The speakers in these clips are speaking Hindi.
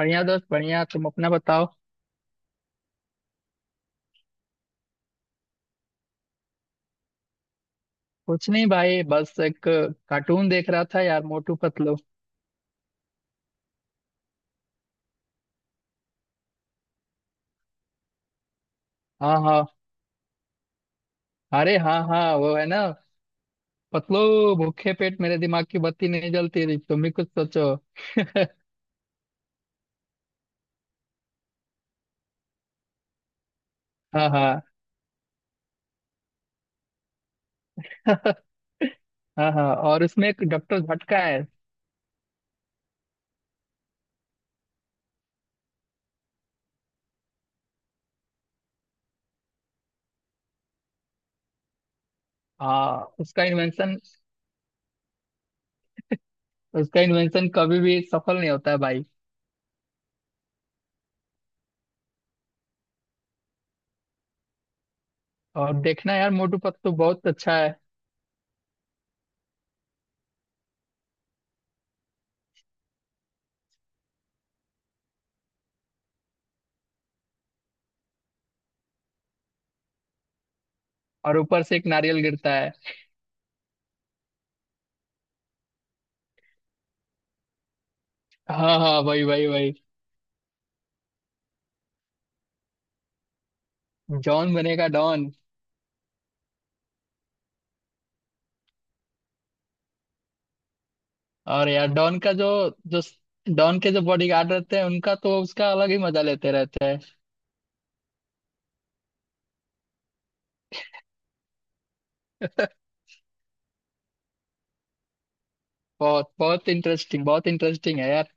बढ़िया दोस्त बढ़िया। तुम अपना बताओ। कुछ नहीं भाई, बस एक कार्टून देख रहा था यार, मोटू पतलू। हाँ हाँ। अरे हाँ हाँ, वो है ना, पतलू, भूखे पेट मेरे दिमाग की बत्ती नहीं जलती रही, तुम भी कुछ सोचो। हाँ हाँ। हाँ हाँ, और उसमें एक डॉक्टर भटका है। हाँ, उसका इन्वेंशन, उसका इन्वेंशन कभी भी सफल नहीं होता है भाई। और देखना यार, मोटू पतलू बहुत अच्छा है। और ऊपर से एक नारियल गिरता है। हाँ हाँ, वही वही वही। जॉन बनेगा डॉन। और यार, डॉन का जो जो डॉन के जो बॉडीगार्ड रहते हैं उनका तो, उसका अलग ही मजा लेते रहते हैं। बहुत बहुत इंटरेस्टिंग, बहुत इंटरेस्टिंग है यार।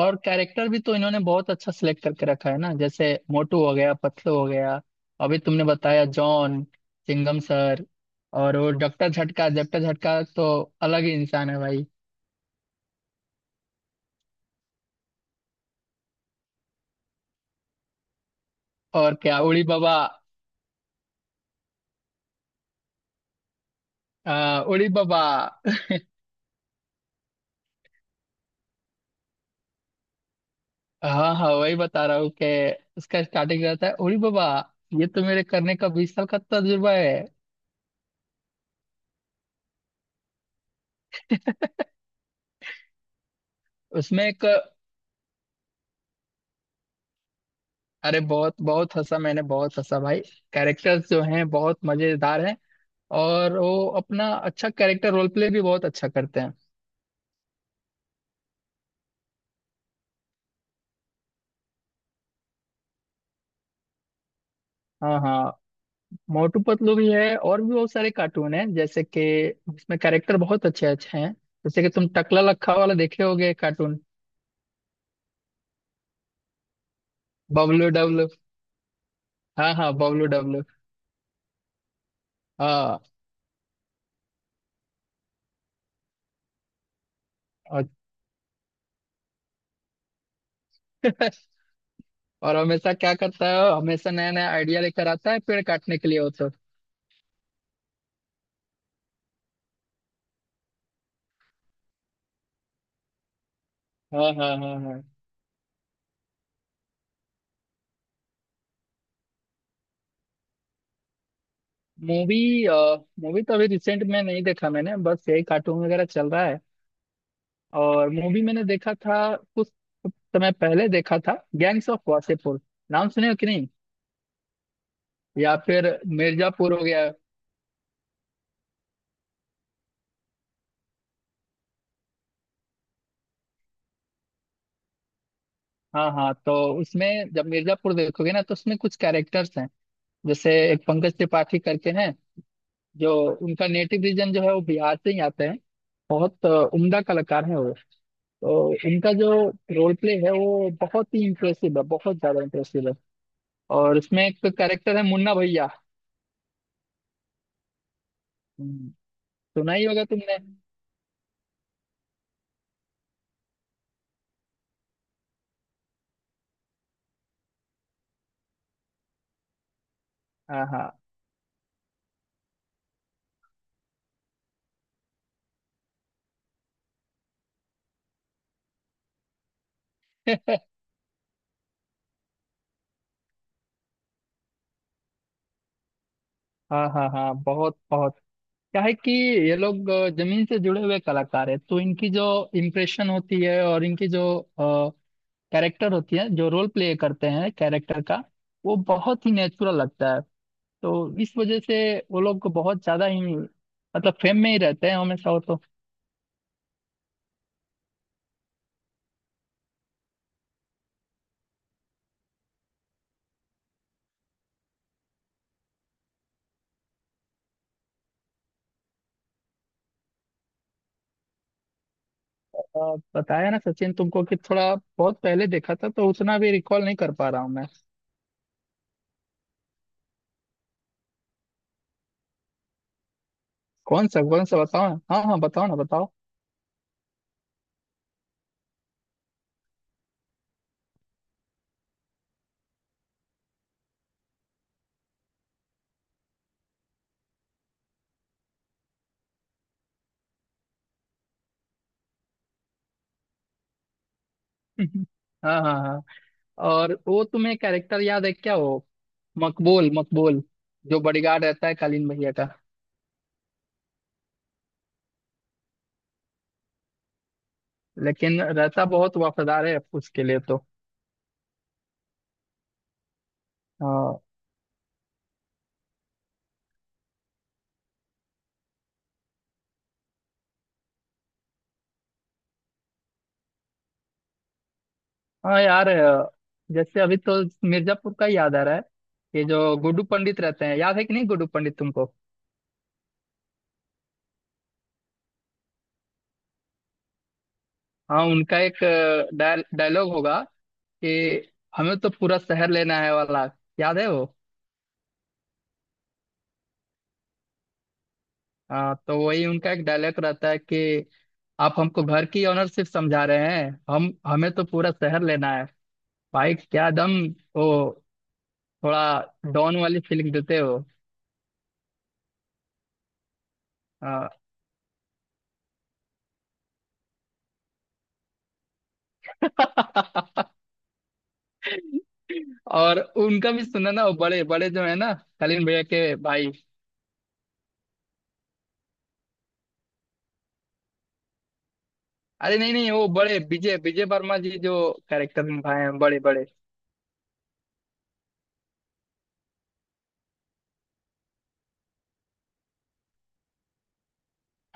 और कैरेक्टर भी तो इन्होंने बहुत अच्छा सिलेक्ट करके रखा है ना, जैसे मोटू हो गया, पतलू हो गया। अभी तुमने बताया जॉन, चिंगम सर, और वो डॉक्टर झटका। डॉक्टर झटका तो अलग ही इंसान है भाई। और क्या उड़ी बाबा। उड़ी बाबा। हाँ हाँ, वही बता रहा हूँ कि उसका स्टार्टिंग रहता है, ओरी बाबा, ये तो मेरे करने का 20 साल का तजुर्बा है। उसमें एक, अरे बहुत बहुत हंसा मैंने, बहुत हंसा भाई। कैरेक्टर्स जो हैं बहुत मजेदार हैं। और वो अपना अच्छा कैरेक्टर रोल प्ले भी बहुत अच्छा करते हैं। हाँ हाँ। मोटू पतलू भी है, और भी बहुत सारे कार्टून हैं, जैसे कि उसमें कैरेक्टर बहुत अच्छे अच्छे हैं, जैसे कि तुम टकला लखा वाला देखे होगे कार्टून। बबलू डब्लू। हाँ हाँ, बबलू डब्लू। हाँ। और और हमेशा क्या करता है वो? हमेशा नया नया आइडिया लेकर आता है पेड़ काटने के लिए वो तो। हाँ हाँ हाँ हाँ। मूवी, मूवी तो अभी रिसेंट में नहीं देखा मैंने, बस यही कार्टून वगैरह चल रहा है। और मूवी मैंने देखा था कुछ समय पहले, देखा था गैंग्स ऑफ वासेपुर। नाम सुने हो कि नहीं? या फिर मिर्जापुर हो गया। हाँ हाँ, तो उसमें, जब मिर्जापुर देखोगे ना, तो उसमें कुछ कैरेक्टर्स हैं, जैसे एक पंकज त्रिपाठी करके हैं जो, उनका नेटिव रीजन जो है वो बिहार से ही आते हैं। बहुत उम्दा कलाकार हैं वो। तो इनका जो रोल प्ले है वो बहुत ही इम्प्रेसिव है, बहुत ज्यादा इम्प्रेसिव है। और इसमें एक कैरेक्टर है, मुन्ना भैया। हम्म, सुना ही होगा तुमने। हाँ हाँ हाँ हाँ हाँ, बहुत बहुत। क्या है कि ये लोग जमीन से जुड़े हुए कलाकार है तो इनकी जो इम्प्रेशन होती है, और इनकी जो कैरेक्टर होती है, जो रोल प्ले करते हैं कैरेक्टर का, वो बहुत ही नेचुरल लगता है। तो इस वजह से वो लोग बहुत ज्यादा ही, मतलब फेम में ही रहते हैं हमेशा वो तो। बताया ना सचिन तुमको कि थोड़ा बहुत पहले देखा था, तो उतना भी रिकॉल नहीं कर पा रहा हूँ मैं। कौन सा बताओ ना, हाँ हाँ बताओ ना, बताओ। हाँ हाँ हाँ। और वो तुम्हें कैरेक्टर याद है क्या, वो मकबूल, मकबूल, जो बॉडीगार्ड रहता है कालीन भैया का? लेकिन रहता बहुत वफादार है उसके लिए तो। हाँ। हाँ यार, जैसे अभी तो मिर्जापुर का ही याद आ रहा है। ये जो गुड्डू पंडित रहते हैं, याद है कि नहीं गुड्डू पंडित तुमको? हाँ, उनका एक डायलॉग होगा कि, हमें तो पूरा शहर लेना है वाला, याद है वो? हाँ, तो वही उनका एक डायलॉग रहता है कि, आप हमको घर की ओनरशिप समझा रहे हैं, हम हमें तो पूरा शहर लेना है। भाई क्या दम। वो थोड़ा डॉन वाली फीलिंग देते हो। हाँ। और उनका भी सुना ना, वो बड़े बड़े जो है ना, कलीन भैया के भाई। अरे नहीं नहीं, वो बड़े, विजय विजय वर्मा जी जो कैरेक्टर निभाए हैं, बड़े बड़े।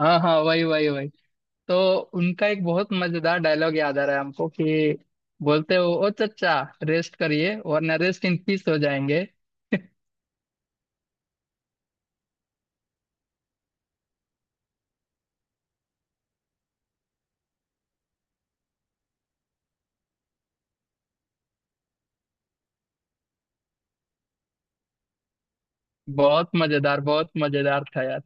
हाँ हाँ, वही वही वही। तो उनका एक बहुत मजेदार डायलॉग याद आ रहा है हमको कि, बोलते हो, ओ चचा रेस्ट करिए वरना रेस्ट इन पीस हो जाएंगे। बहुत मजेदार, बहुत मजेदार था यार।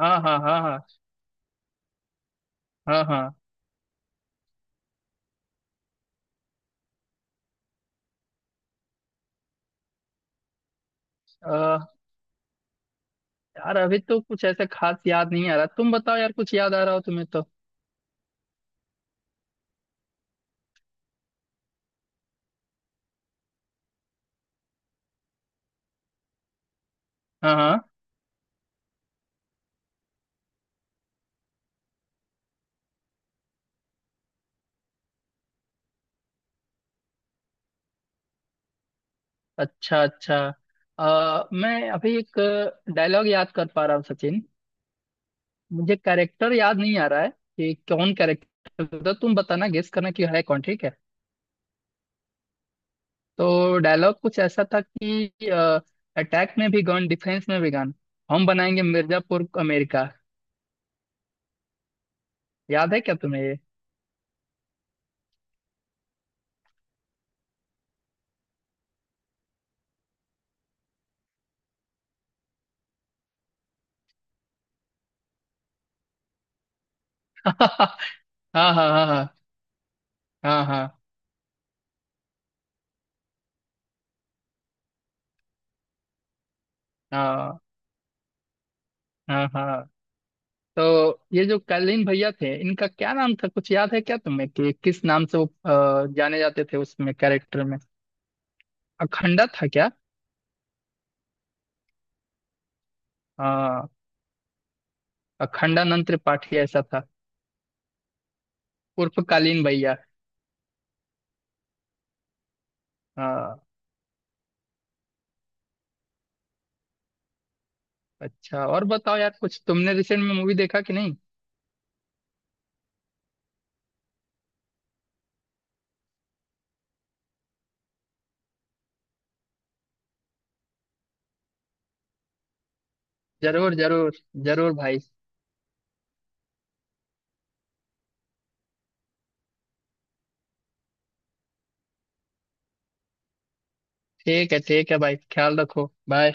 हाँ हाँ हाँ हाँ। हाँ हाँ। अ, यार अभी तो कुछ ऐसा खास याद नहीं आ रहा, तुम बताओ यार कुछ याद आ रहा हो तुम्हें तो। हाँ हाँ। अच्छा अच्छा। मैं अभी एक डायलॉग याद कर पा रहा हूँ सचिन। मुझे कैरेक्टर याद नहीं आ रहा है कि कौन कैरेक्टर था, तुम बताना, गेस करना कि है कौन, ठीक है? तो डायलॉग कुछ ऐसा था कि, अटैक में भी गन, डिफेंस में भी गन, हम बनाएंगे मिर्जापुर को अमेरिका। याद है क्या तुम्हें ये? हाँ हाँ हाँ हाँ हाँ हाँ हाँ हाँ हाँ। तो ये जो कालीन भैया थे, इनका क्या नाम था, कुछ याद है क्या तुम्हें कि किस नाम से वो जाने जाते थे उसमें कैरेक्टर में? अखंडा था क्या? हाँ, अखंडानंद त्रिपाठी ऐसा था, उर्फ कालीन भैया। हाँ। अच्छा और बताओ यार, कुछ तुमने रिसेंट में मूवी देखा कि नहीं? जरूर जरूर, जरूर भाई। ठीक है भाई, ख्याल रखो, बाय।